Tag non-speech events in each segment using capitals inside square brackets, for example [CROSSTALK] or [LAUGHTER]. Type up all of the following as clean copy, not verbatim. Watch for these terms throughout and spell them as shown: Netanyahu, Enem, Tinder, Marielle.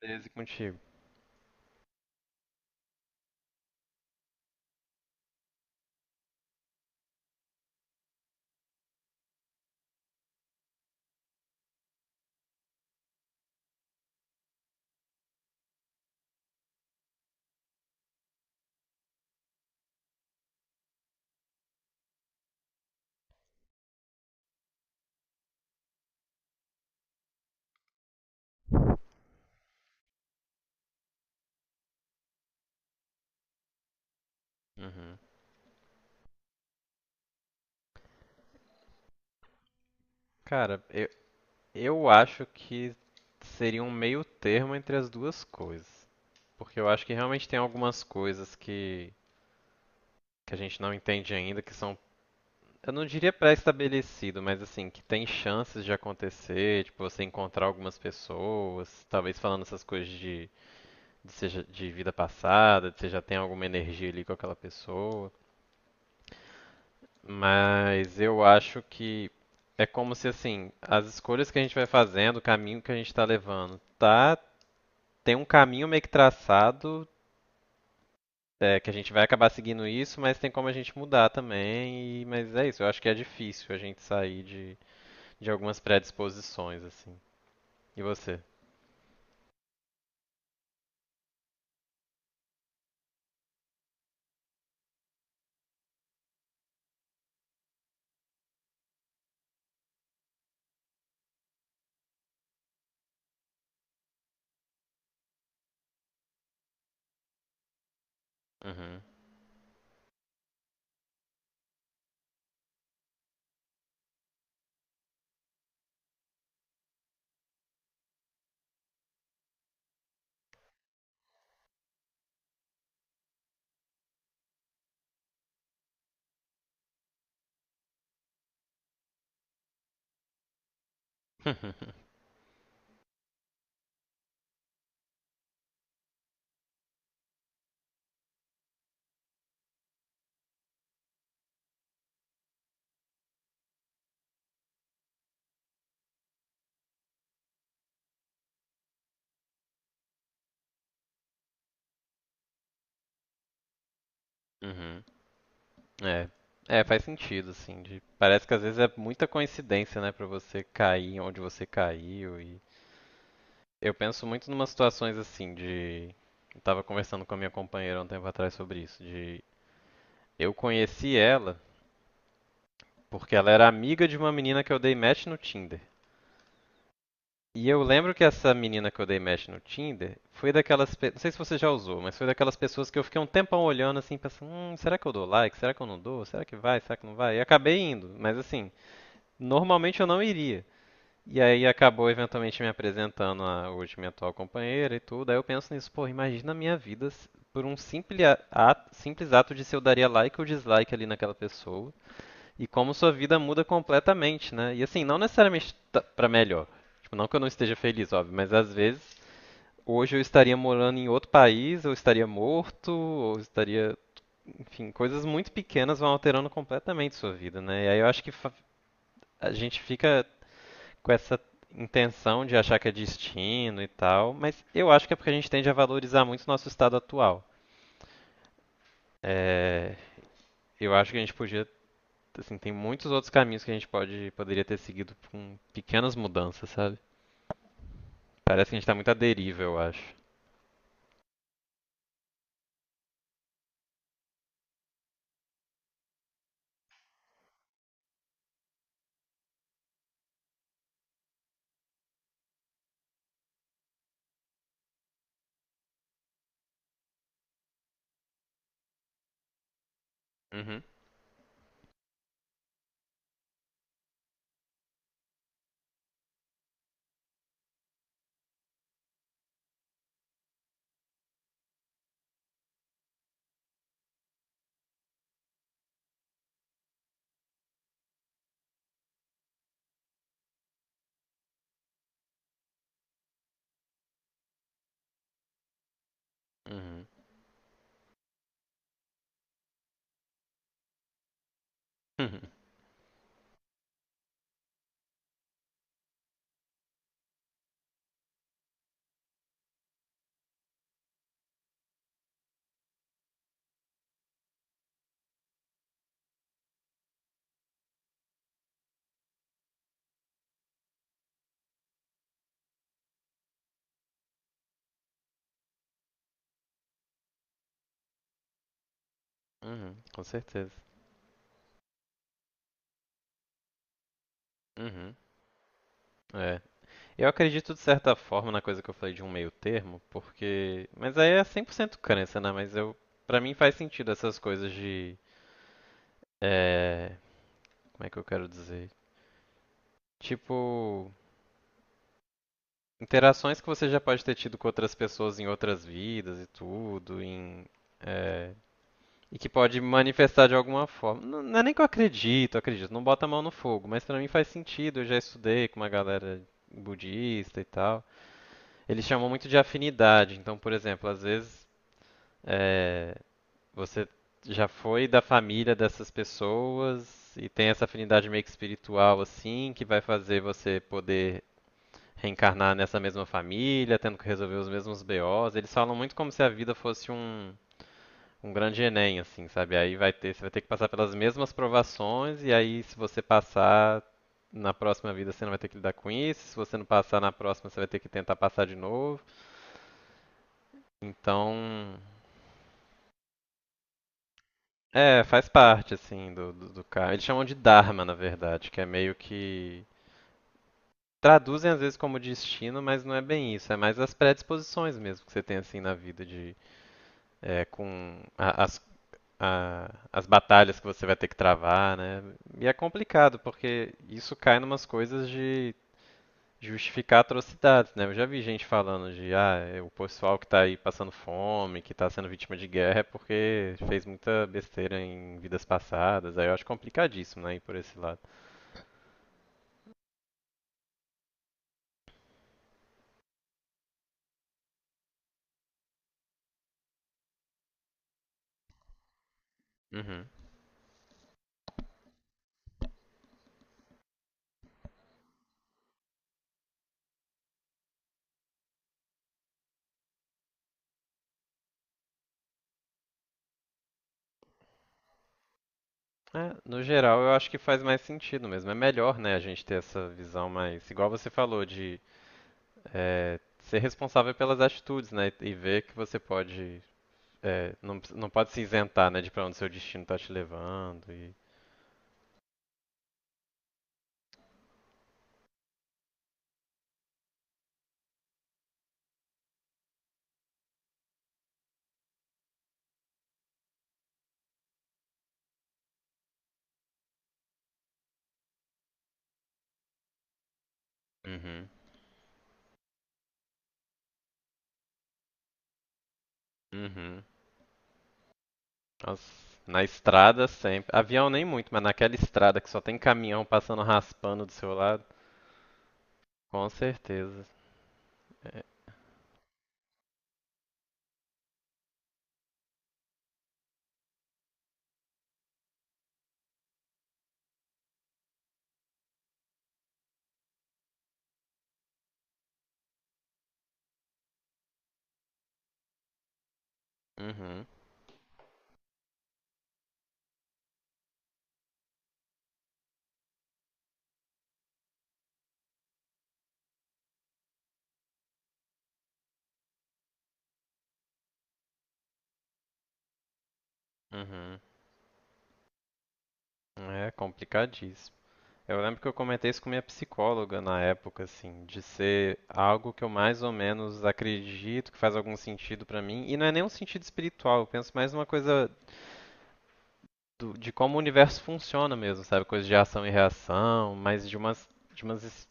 Beleza, e contigo. Uhum. Cara, eu acho que seria um meio termo entre as duas coisas. Porque eu acho que realmente tem algumas coisas que a gente não entende ainda, que são, eu não diria pré-estabelecido, mas assim, que tem chances de acontecer, tipo, você encontrar algumas pessoas, talvez falando essas coisas seja, de vida passada, de você já tem alguma energia ali com aquela pessoa. Mas eu acho que é como se assim, as escolhas que a gente vai fazendo, o caminho que a gente está levando, tá? Tem um caminho meio que traçado, que a gente vai acabar seguindo isso, mas tem como a gente mudar também. E, mas é isso, eu acho que é difícil a gente sair de algumas predisposições, assim. E você? Uhum. [LAUGHS] Uhum. É. É, faz sentido, assim. Parece que às vezes é muita coincidência, né, pra você cair onde você caiu e eu penso muito numas situações assim de. Eu tava conversando com a minha companheira um tempo atrás sobre isso, de eu conheci ela porque ela era amiga de uma menina que eu dei match no Tinder. E eu lembro que essa menina que eu dei match no Tinder foi daquelas, não sei se você já usou, mas foi daquelas pessoas que eu fiquei um tempão olhando assim, pensando, será que eu dou like? Será que eu não dou? Será que vai? Será que não vai? E acabei indo, mas assim, normalmente eu não iria. E aí acabou eventualmente me apresentando a hoje minha atual companheira e tudo. Aí eu penso nisso, pô, imagina a minha vida por um simples ato de se eu daria like ou dislike ali naquela pessoa e como sua vida muda completamente, né? E assim, não necessariamente pra melhor. Tipo, não que eu não esteja feliz, óbvio, mas às vezes hoje eu estaria morando em outro país, eu estaria morto, ou estaria, enfim, coisas muito pequenas vão alterando completamente sua vida, né? E aí eu acho que a gente fica com essa intenção de achar que é destino e tal, mas eu acho que é porque a gente tende a valorizar muito o nosso estado atual. É, eu acho que a gente podia, assim, tem muitos outros caminhos que a gente poderia ter seguido com pequenas mudanças, sabe? Parece que a gente tá muito à deriva, eu acho. Uhum, uhum, uhum, uhum, com certeza. Uhum. É. Eu acredito de certa forma na coisa que eu falei de um meio termo, porque. Mas aí é 100% crença, né? Mas eu. Pra mim faz sentido essas coisas de. É, como é que eu quero dizer? Tipo, interações que você já pode ter tido com outras pessoas em outras vidas e tudo, é, e que pode manifestar de alguma forma. Não, não é nem que eu acredito, acredito, não bota a mão no fogo, mas pra mim faz sentido, eu já estudei com uma galera budista e tal. Eles chamam muito de afinidade, então, por exemplo, às vezes é, você já foi da família dessas pessoas e tem essa afinidade meio que espiritual assim, que vai fazer você poder reencarnar nessa mesma família, tendo que resolver os mesmos BOs. Eles falam muito como se a vida fosse um, um grande Enem, assim, sabe? Aí vai ter, você vai ter que passar pelas mesmas provações, e aí se você passar na próxima vida você não vai ter que lidar com isso, se você não passar na próxima você vai ter que tentar passar de novo. Então, é, faz parte, assim, do karma. Eles chamam de Dharma, na verdade, que é meio que. Traduzem às vezes como destino, mas não é bem isso. É mais as predisposições mesmo que você tem assim na vida de é, com a- as batalhas que você vai ter que travar, né? E é complicado, porque isso cai numas coisas de justificar atrocidades, né? Eu já vi gente falando de, ah, é o pessoal que tá aí passando fome, que tá sendo vítima de guerra, é porque fez muita besteira em vidas passadas. Aí eu acho complicadíssimo, né, ir por esse lado. Uhum. É, no geral, eu acho que faz mais sentido mesmo. É melhor, né, a gente ter essa visão mais, igual você falou, de é, ser responsável pelas atitudes, né? E ver que você pode, é, não, não pode se isentar, né, de pra onde seu destino tá te levando e... Uhum, uhum. Nossa, na estrada sempre. Avião nem muito, mas naquela estrada que só tem caminhão passando raspando do seu lado, com certeza. É, uhum, uhum. É complicadíssimo. Eu lembro que eu comentei isso com minha psicóloga na época, assim, de ser algo que eu mais ou menos acredito que faz algum sentido pra mim. E não é nem um sentido espiritual, eu penso mais numa coisa de como o universo funciona mesmo, sabe? Coisa de ação e reação, mas de umas, de umas, es-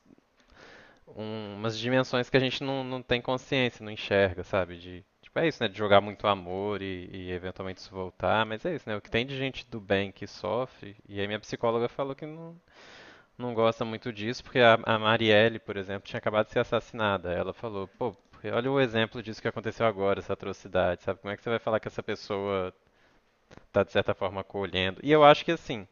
umas dimensões que a gente não, não tem consciência, não enxerga, sabe? De, tipo, é isso, né? De jogar muito amor e eventualmente isso voltar, mas é isso, né? O que tem de gente do bem que sofre, e aí minha psicóloga falou que não, não gosta muito disso, porque a Marielle, por exemplo, tinha acabado de ser assassinada. Ela falou, pô, porque olha o exemplo disso que aconteceu agora, essa atrocidade, sabe? Como é que você vai falar que essa pessoa tá, de certa forma, acolhendo? E eu acho que, assim,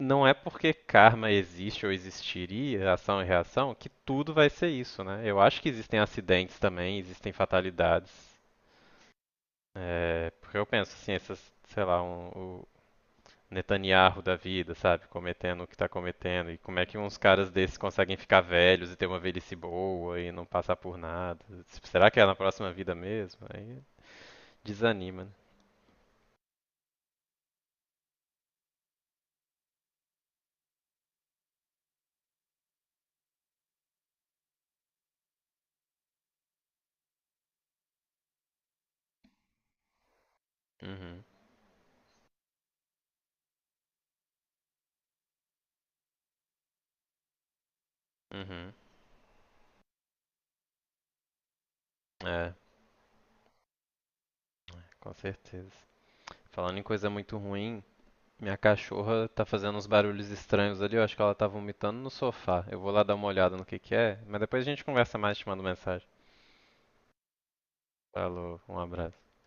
não é porque karma existe ou existiria, ação e reação, que tudo vai ser isso, né? Eu acho que existem acidentes também, existem fatalidades. É, porque eu penso, assim, essas, sei lá, um, Netanyahu da vida, sabe? Cometendo o que tá cometendo. E como é que uns caras desses conseguem ficar velhos e ter uma velhice boa e não passar por nada? Será que é na próxima vida mesmo? Aí desanima, né? Uhum, uhum. É, com certeza. Falando em coisa muito ruim, minha cachorra tá fazendo uns barulhos estranhos ali. Eu acho que ela tá vomitando no sofá. Eu vou lá dar uma olhada no que é, mas depois a gente conversa mais te mando mensagem. Falou, um abraço.